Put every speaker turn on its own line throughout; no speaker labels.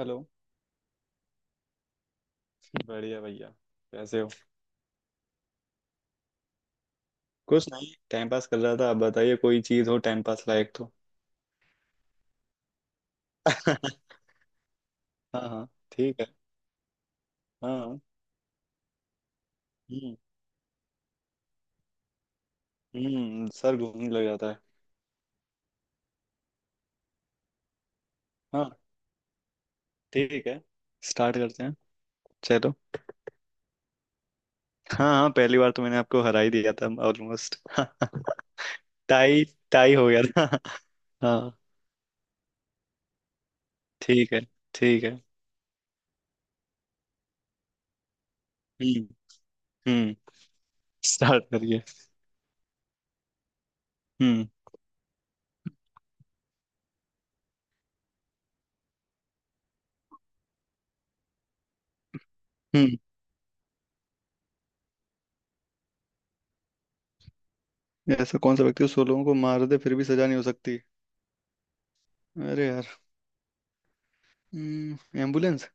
Hello. बढ़िया भैया। कैसे हो? कुछ नहीं, टाइम पास कर रहा था। आप बताइए, कोई चीज हो टाइम पास लायक तो। हाँ हाँ, ठीक है। हाँ। हम्म। हम्म, सर घूमने लग जाता है। हाँ, ठीक है। स्टार्ट करते हैं। चलो। हाँ हाँ, पहली बार तो मैंने आपको हरा ही दिया था ऑलमोस्ट। टाई। टाई हो गया था। हाँ। ठीक है। ठीक है। हम्म। हम्म। स्टार्ट करिए। हम्म। हम्म। ऐसा कौन सा व्यक्ति 16 लोगों को मार दे फिर भी सजा नहीं हो सकती? अरे, एम्बुलेंस।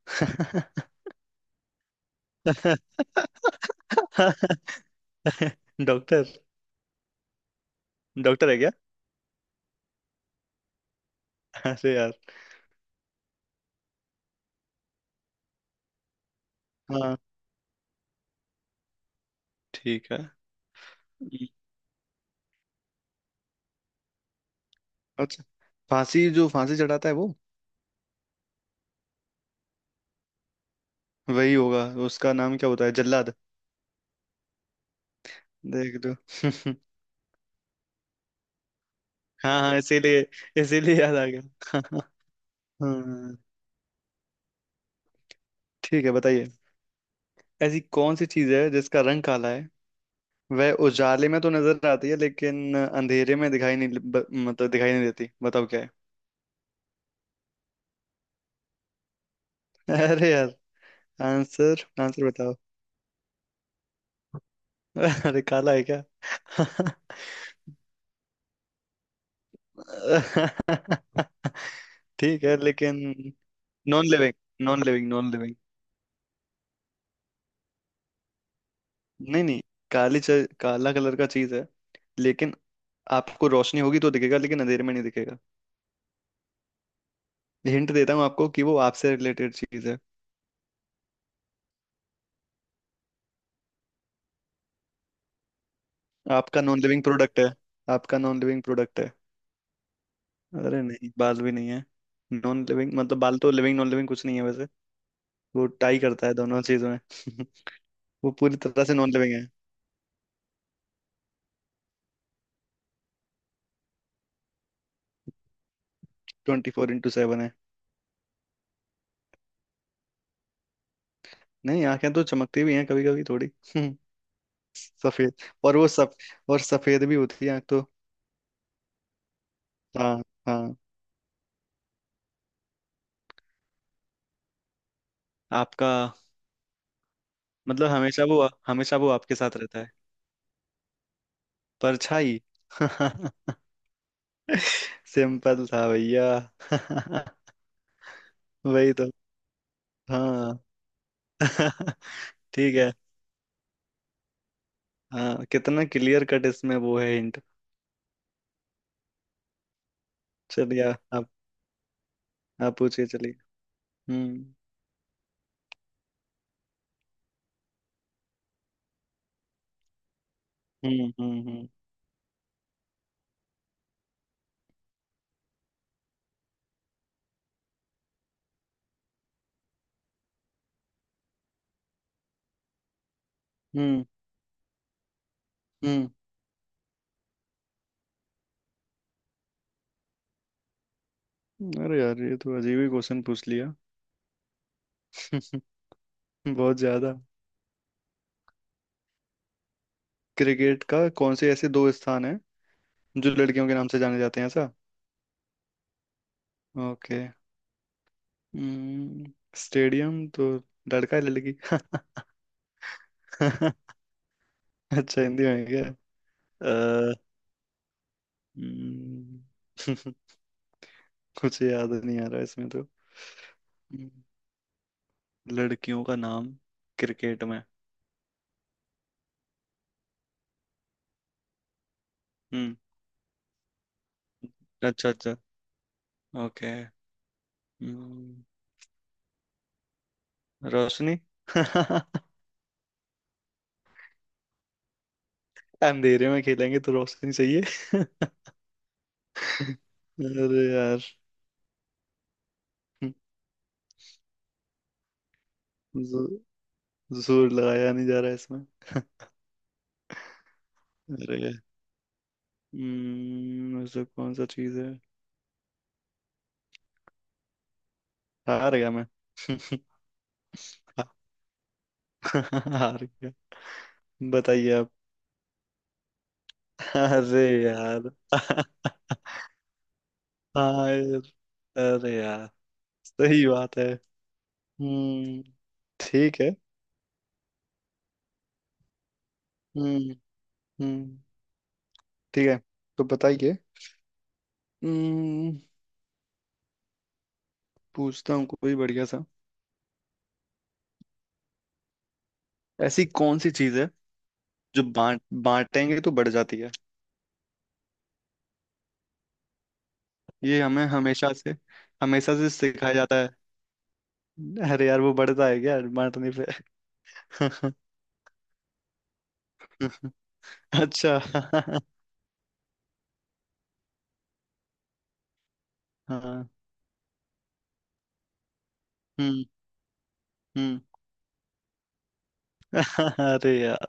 डॉक्टर। डॉक्टर है क्या? अरे यार। हाँ, ठीक है। हम्म, अच्छा, फांसी, जो फांसी चढ़ाता है वो, वही होगा। उसका नाम क्या होता है, जल्लाद। देख लो। हाँ हाँ, इसीलिए। इसीलिए याद आ गया। हाँ, ठीक है, बताइए। ऐसी कौन सी चीज है जिसका रंग काला है? वह उजाले में तो नजर आती है, लेकिन अंधेरे में दिखाई नहीं, मतलब दिखाई नहीं देती। बताओ क्या है। अरे, आंसर आंसर बताओ। अरे, काला है क्या? ठीक है लेकिन। Non living. Non living non living. नहीं नहीं। काली च, काला कलर का चीज है, लेकिन आपको रोशनी होगी तो दिखेगा, लेकिन अंधेरे में नहीं दिखेगा। हिंट देता हूँ आपको कि वो आपसे रिलेटेड चीज है। आपका नॉन लिविंग प्रोडक्ट है। आपका नॉन लिविंग प्रोडक्ट है। अरे नहीं, बाल भी नहीं है। नॉन लिविंग मतलब, बाल तो लिविंग नॉन लिविंग कुछ नहीं है वैसे। वो टाई करता है दोनों चीजों में। वो पूरी तरह से नॉन लिविंग है। 24x7 है। नहीं, आंखें तो चमकती भी हैं कभी कभी थोड़ी। सफेद। और वो सब। और सफेद भी होती है आंख तो। हाँ हाँ। आपका, मतलब हमेशा वो, हमेशा वो आपके साथ रहता है। परछाई। सिंपल था भैया। वही तो। हाँ। ठीक है। हाँ, कितना क्लियर कट इसमें वो है हिंट। चलिए। आप। आप पूछिए, चलिए। हम्म हम्म हम्म हम्म हम्म। अरे यार, ये तो अजीब ही क्वेश्चन पूछ लिया। बहुत ज्यादा। क्रिकेट का कौन से ऐसे दो स्थान हैं जो लड़कियों के नाम से जाने जाते हैं ऐसा? ओके। हम्म, स्टेडियम तो लड़का है, लड़की। अच्छा, हिंदी में है क्या? अ, हम्म, कुछ याद नहीं आ रहा इसमें तो। हम्म, लड़कियों का नाम, क्रिकेट में। हम्म। अच्छा अच्छा, ओके। हम्म, रोशनी। अंधेरे में खेलेंगे तो रोशनी चाहिए। अरे यार। हम्म, जोर लगाया नहीं जा रहा है इसमें। अरे। ऐसा कौन सा चीज है? हार गया मैं। हार गया, बताइए आप। अरे यार। हाँ यार, अरे यार, सही बात है। हम्म। ठीक है। हम्म। हम्म। ठीक है, तो बताइए। हम्म पूछता हूँ कोई बढ़िया सा। ऐसी कौन सी चीज है जो बांट बांटेंगे तो बढ़ जाती है? ये हमें हमेशा से, हमेशा से सिखाया जाता है। अरे यार, वो बढ़ता है क्या बांटने पे? अच्छा। हाँ। हम्म। हम्म। अरे यार,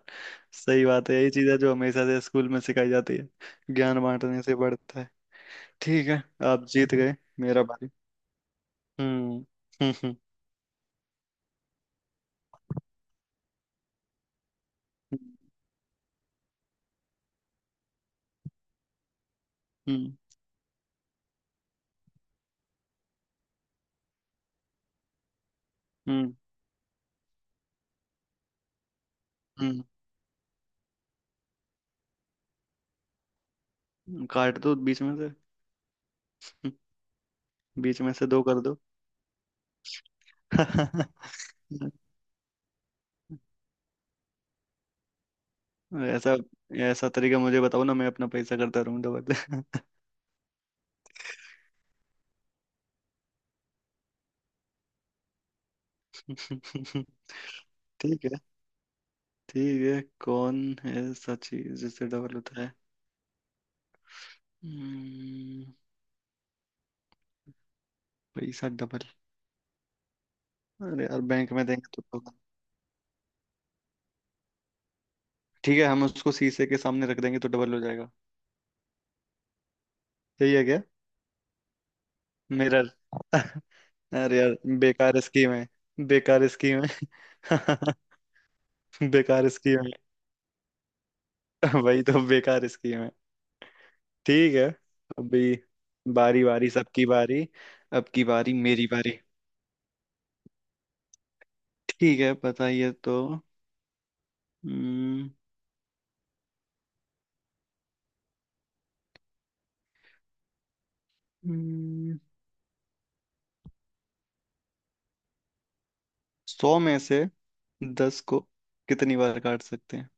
सही बात है। यही चीज है जो हमेशा से स्कूल में सिखाई जाती है। ज्ञान बांटने से बढ़ता है। ठीक है, आप जीत गए। मेरा बारी। हम्म। हम्म हम्म हम्म हम्म। काट दो बीच में से। हम्म, बीच में से दो कर दो। ऐसा। ऐसा तरीका मुझे बताओ ना, मैं अपना पैसा करता रहूं डबल। ठीक। ठीक है, कौन है ऐसा चीज जिससे डबल होता है? हम्म, पैसा डबल। अरे यार, बैंक में देंगे तो होगा। ठीक है, हम उसको शीशे के सामने रख देंगे तो डबल हो जाएगा। सही है क्या? मिरर। अरे यार, बेकार स्कीम है। बेकार स्कीम है। बेकार स्कीम है। वही तो, बेकार स्कीम है। ठीक है। अभी। बारी बारी सबकी बारी। अब की बारी मेरी बारी। ठीक है, बताइए तो। हम्म। हम्म, 100 में से 10 को कितनी बार काट सकते हैं?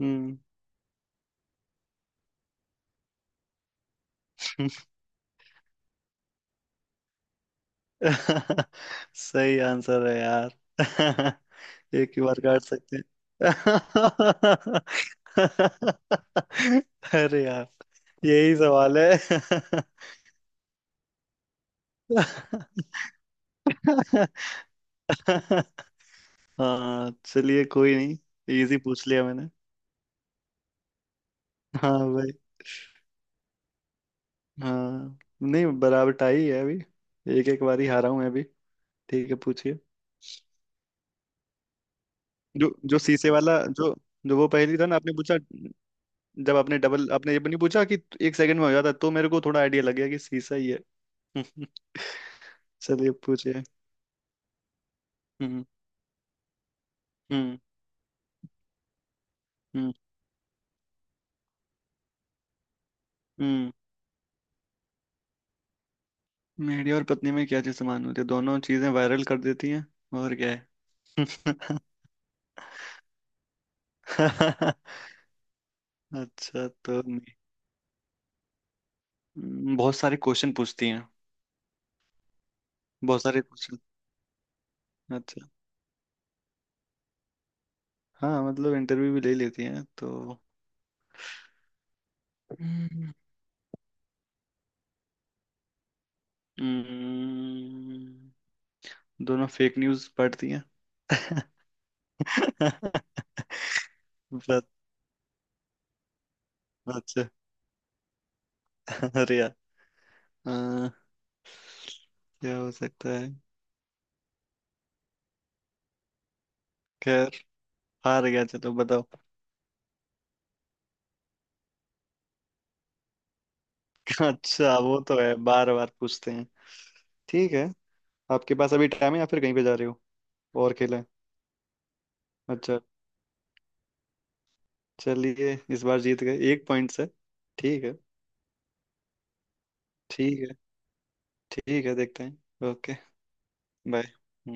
हम्म। सही आंसर है यार। एक ही बार काट सकते हैं। अरे यार, यही सवाल है। हाँ चलिए, कोई नहीं। इजी पूछ लिया मैंने। हाँ भाई। हाँ नहीं, बराबर टाई है अभी। एक एक बारी हारा हूं मैं अभी। ठीक है, पूछिए। जो जो शीशे वाला जो जो वो पहेली था ना आपने पूछा? जब आपने डबल, आपने ये भी नहीं पूछा कि 1 सेकंड में हो जाता, तो मेरे को थोड़ा आइडिया लग गया कि शीशा ही है। चलिए पूछिए। हम्म। हम्म हम्म हम्म। मेरी और पत्नी में क्या चीज समान होती है? दोनों चीजें वायरल कर देती हैं, और क्या है? अच्छा तो नहीं। बहुत सारे क्वेश्चन पूछती हैं। बहुत सारे क्वेश्चन। अच्छा। हाँ मतलब इंटरव्यू भी ले लेती हैं तो। हम्म। हम्म, दोनों फेक न्यूज पढ़ती हैं। बस। अच्छा। अरे यार। अ, क्या हो सकता है? खैर, हार गया, चलो बताओ। अच्छा वो तो है, बार बार पूछते हैं। ठीक है, आपके पास अभी टाइम है या फिर कहीं पे जा रहे हो? और खेला है? अच्छा, चलिए, इस बार जीत गए 1 पॉइंट से। ठीक है। ठीक है। ठीक है, देखते हैं, ओके। बाय।